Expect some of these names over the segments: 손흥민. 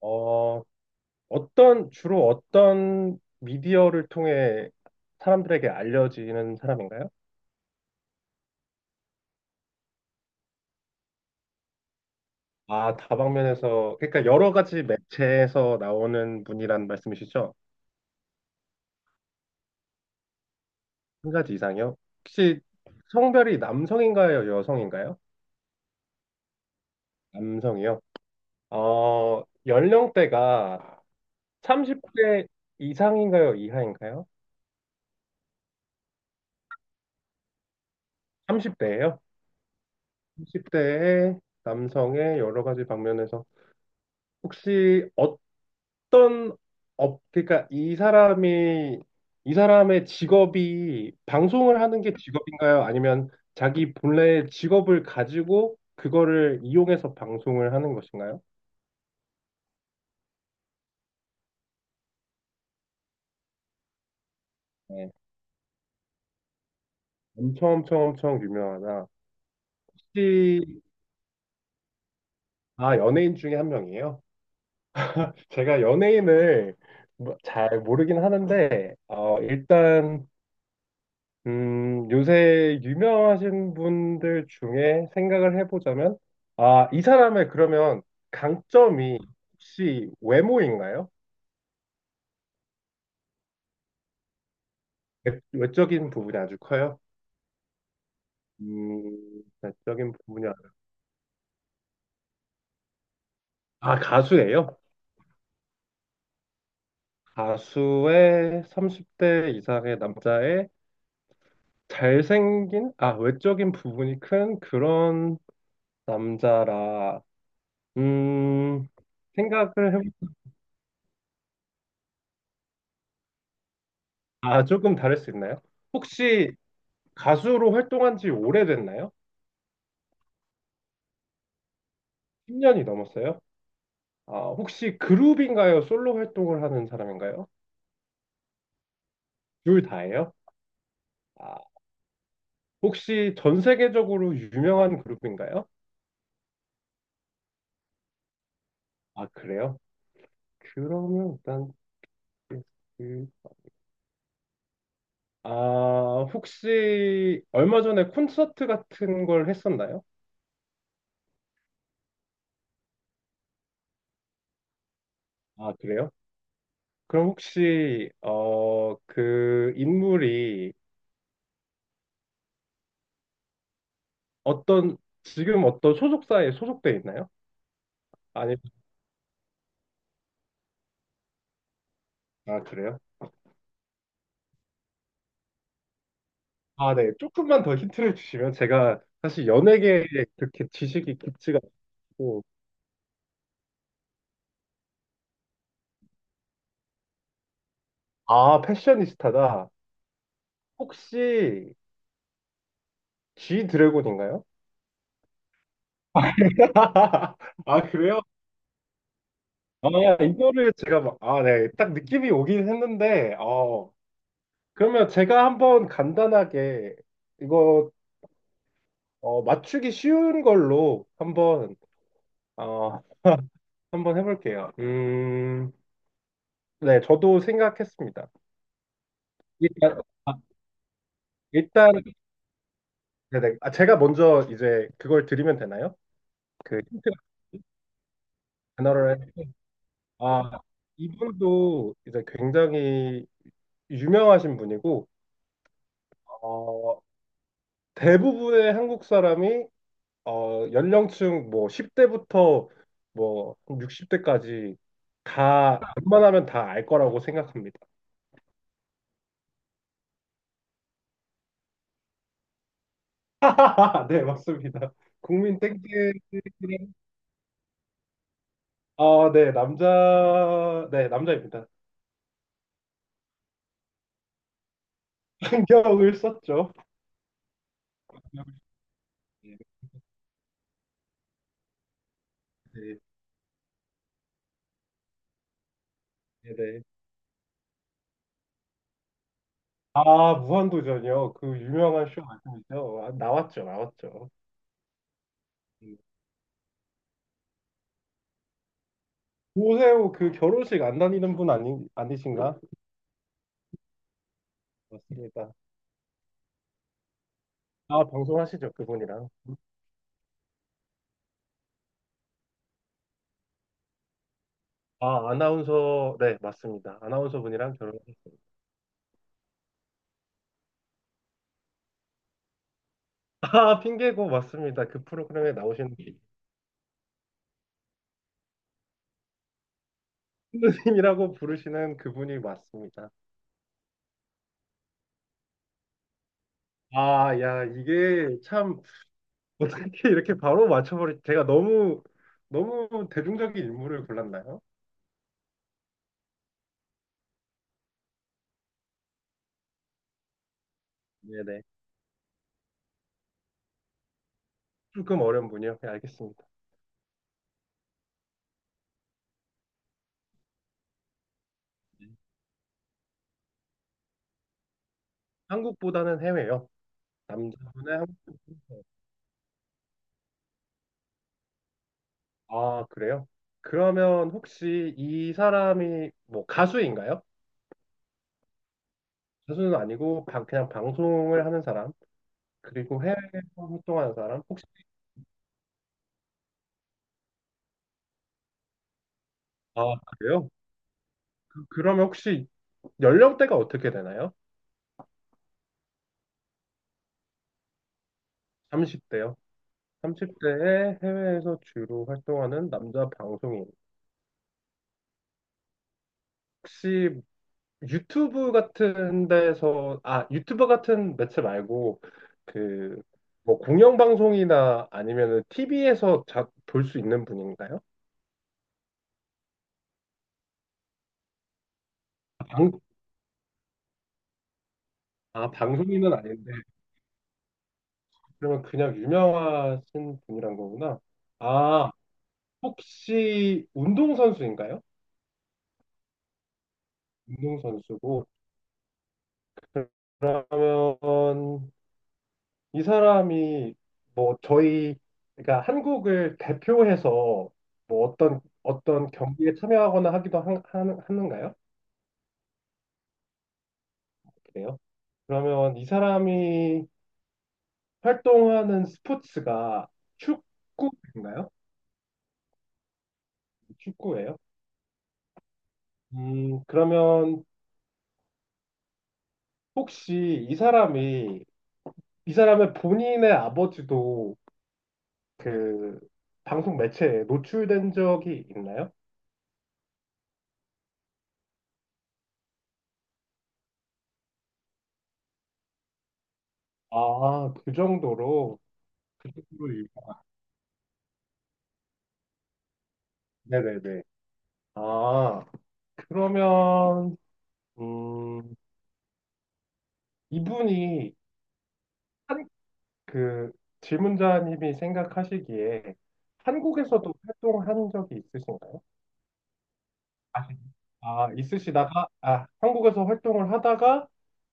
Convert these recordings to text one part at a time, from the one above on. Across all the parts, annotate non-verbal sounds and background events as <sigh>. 어, 주로 어떤 미디어를 통해 사람들에게 알려지는 사람인가요? 아, 다방면에서, 그러니까 여러 가지 매체에서 나오는 분이란 말씀이시죠? 한 가지 이상이요? 혹시 성별이 남성인가요, 여성인가요? 남성이요? 연령대가 30대 이상인가요, 이하인가요? 30대예요? 30대의 남성의 여러 가지 방면에서 혹시 그러니까 이 사람의 직업이 방송을 하는 게 직업인가요? 아니면 자기 본래의 직업을 가지고 그거를 이용해서 방송을 하는 것인가요? 네. 엄청 엄청 엄청 유명하다. 혹시, 아, 연예인 중에 한 명이에요? 제가 연예인을 잘 모르긴 하는데, 일단 요새 유명하신 분들 중에 생각을 해보자면, 아, 이 사람의 그러면 강점이 혹시 외모인가요? 외적인 부분이 아주 커요. 외적인 부분이 아주, 아, 가수예요? 가수의 30대 이상의 남자의 잘생긴, 아, 외적인 부분이 큰 그런 남자라, 음, 생각을 해보, 아, 조금 다를 수 있나요? 혹시 가수로 활동한 지 오래됐나요? 10년이 넘었어요? 아, 혹시 그룹인가요? 솔로 활동을 하는 사람인가요? 둘 다예요? 아, 혹시 전 세계적으로 유명한 그룹인가요? 아, 그래요? 그러면 일단 그- 아, 혹시 얼마 전에 콘서트 같은 걸 했었나요? 아, 그래요? 그럼 혹시 그 인물이 어떤 지금 어떤 소속사에 소속돼 있나요? 아니, 아, 그래요? 아, 네. 조금만 더 힌트를 주시면 제가 사실 연예계에 그렇게 지식이 깊지가 않고, 아, 패셔니스타다. 혹시 G 드래곤인가요? <laughs> 아, 그래요? 아, 이거를 제가 막, 아, 네. 딱 느낌이 오긴 했는데, 그러면 제가 한번 간단하게 이거 맞추기 쉬운 걸로 어, 한번 해볼게요. 네. 저도 생각했습니다. 일단, 아, 일단 네네. 아, 제가 먼저 이제 그걸 드리면 되나요? 그 힌트 제너를아 이분도 이제 굉장히 유명하신 분이고 어, 대부분의 한국 사람이 연령층 뭐 10대부터 뭐 60대까지 다 웬만하면 다 알 거라고 생각합니다. <laughs> 네, 맞습니다. 국민 땡땡이랑 아, 네, 남자 네, 남자입니다. <laughs> 안경을 썼죠. 네. 네네. 아, 무한도전이요. 그 유명한 쇼 말씀이죠. 아, 나왔죠, 나왔죠. 음, 오세호 그 결혼식 안 다니는 분 아니, 아니신가? 맞습니다. 아, 방송하시죠, 그분이랑. 아, 아나운서, 네, 맞습니다. 아나운서 분이랑 결혼하셨어요. 아, 핑계고 맞습니다. 그 프로그램에 나오시는 선생님이라고 부르시는 그분이 맞습니다. 아, 야, 이게 참 어떻게 이렇게 바로 제가 너무, 너무 대중적인 인물을 골랐나요? 네네. 조금 어려운 분이요. 네, 알겠습니다. 한국보다는 해외요. 남자분은 한국보다는 해외. 아, 그래요? 그러면 혹시 이 사람이 뭐 가수인가요? 가수는 아니고 그냥 방송을 하는 사람, 그리고 해외에서 활동하는 사람. 혹시 아, 그래요? 그러면 혹시 연령대가 어떻게 되나요? 30대요. 30대에 해외에서 주로 활동하는 남자 방송인. 혹시 유튜브 같은 데서, 아, 유튜버 같은 매체 말고, 그, 뭐, 공영방송이나 아니면은 TV에서 볼 수 있는 분인가요? 아, 방, 아, 방송인은 아닌데, 그러면 그냥 유명하신 분이란 거구나. 아, 혹시 운동선수인가요? 운동선수고, 그러면 이 사람이 뭐 저희 그러니까 한국을 대표해서 뭐 어떤 경기에 참여하거나 하기도 하는가요? 그래요? 그러면 이 사람이 활동하는 스포츠가 축구인가요? 축구예요? 그러면 혹시 이 사람의 본인의 아버지도 그 방송 매체에 노출된 적이 있나요? 아, 그 정도로 네네네. 아, 그러면, 음, 이분이 한, 그 질문자님이 생각하시기에 한국에서도 활동한 적이 있으신가요? 아시- 아, 있으시다가, 아, 한국에서 활동을 하다가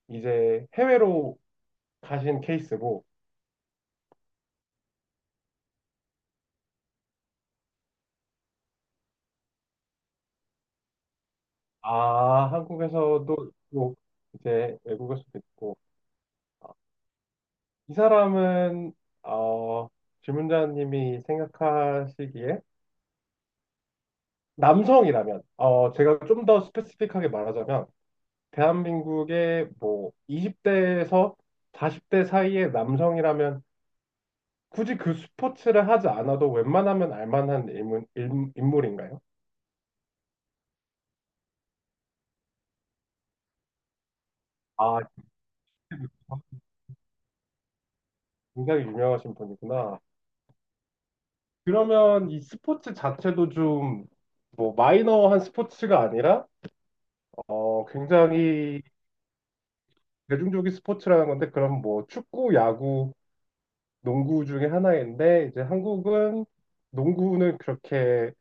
이제 해외로 가신 케이스고, 아, 한국에서도 있고, 이제 외국에서도 있고, 아, 이 사람은, 어, 질문자님이 생각하시기에 남성이라면, 제가 좀 더 스페시픽하게 말하자면, 대한민국의 뭐 20대에서 40대 사이의 남성이라면 굳이 그 스포츠를 하지 않아도 웬만하면 알만한 인물인가요? 아, 굉장히 유명하신 분이구나. 그러면 이 스포츠 자체도 좀 뭐 마이너한 스포츠가 아니라 굉장히 대중적인 스포츠라는 건데, 그럼 뭐 축구, 야구, 농구 중에 하나인데 이제 한국은 농구는 그렇게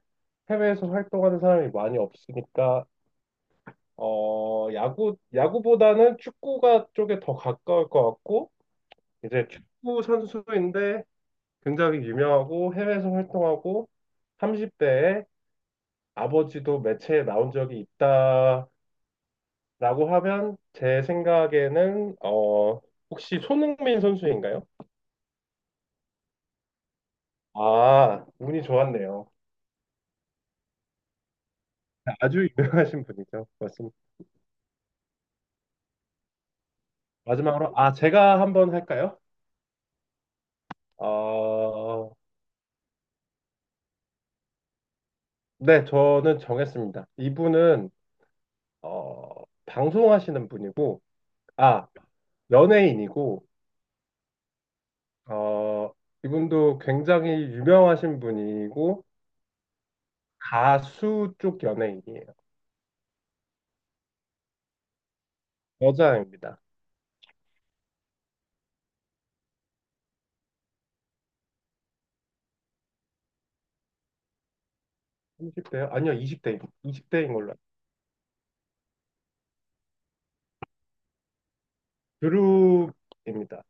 해외에서 활동하는 사람이 많이 없으니까 야구보다는 축구가 쪽에 더 가까울 것 같고, 이제 축구 선수인데 굉장히 유명하고 해외에서 활동하고 30대에 아버지도 매체에 나온 적이 있다라고 하면 제 생각에는 혹시 손흥민 선수인가요? 아, 운이 좋았네요. 아주 유명하신 분이죠. 마지막으로, 아, 제가 한번 할까요? 어, 네, 저는 정했습니다. 이분은, 방송하시는 분이고, 아, 연예인이고, 어, 이분도 굉장히 유명하신 분이고, 가수 쪽 연예인이에요. 여자입니다. 30대요? 아니요, 20대입니다. 20대인 걸로. 알고. 그룹입니다.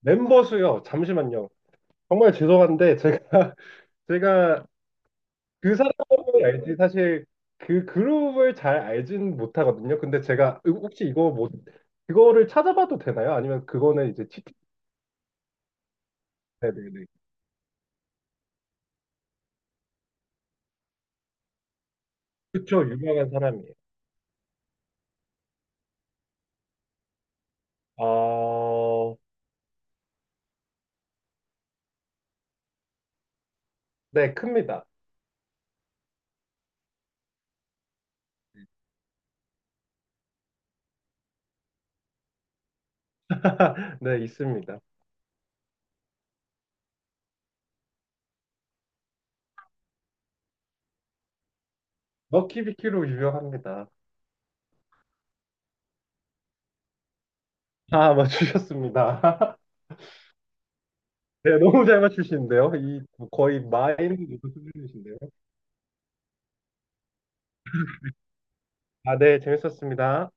멤버 수요, 잠시만요. 정말 죄송한데, 제가, <laughs> 제가 그 사람을 알지 사실 그 그룹을 잘 알진 못하거든요. 근데 제가 혹시 이거 뭐 그거를 찾아봐도 되나요? 아니면 그거는 이제 치킨 네네네. 그쵸, 유명한 사람이에요. 어... 네, 큽니다. <laughs> 네, 있습니다. 먹키비키로 유명합니다. 아, 맞추셨습니다. <laughs> 네, 너무 잘 맞추시는데요. 이 거의 마인 수준이신데요. 아, 네, 재밌었습니다.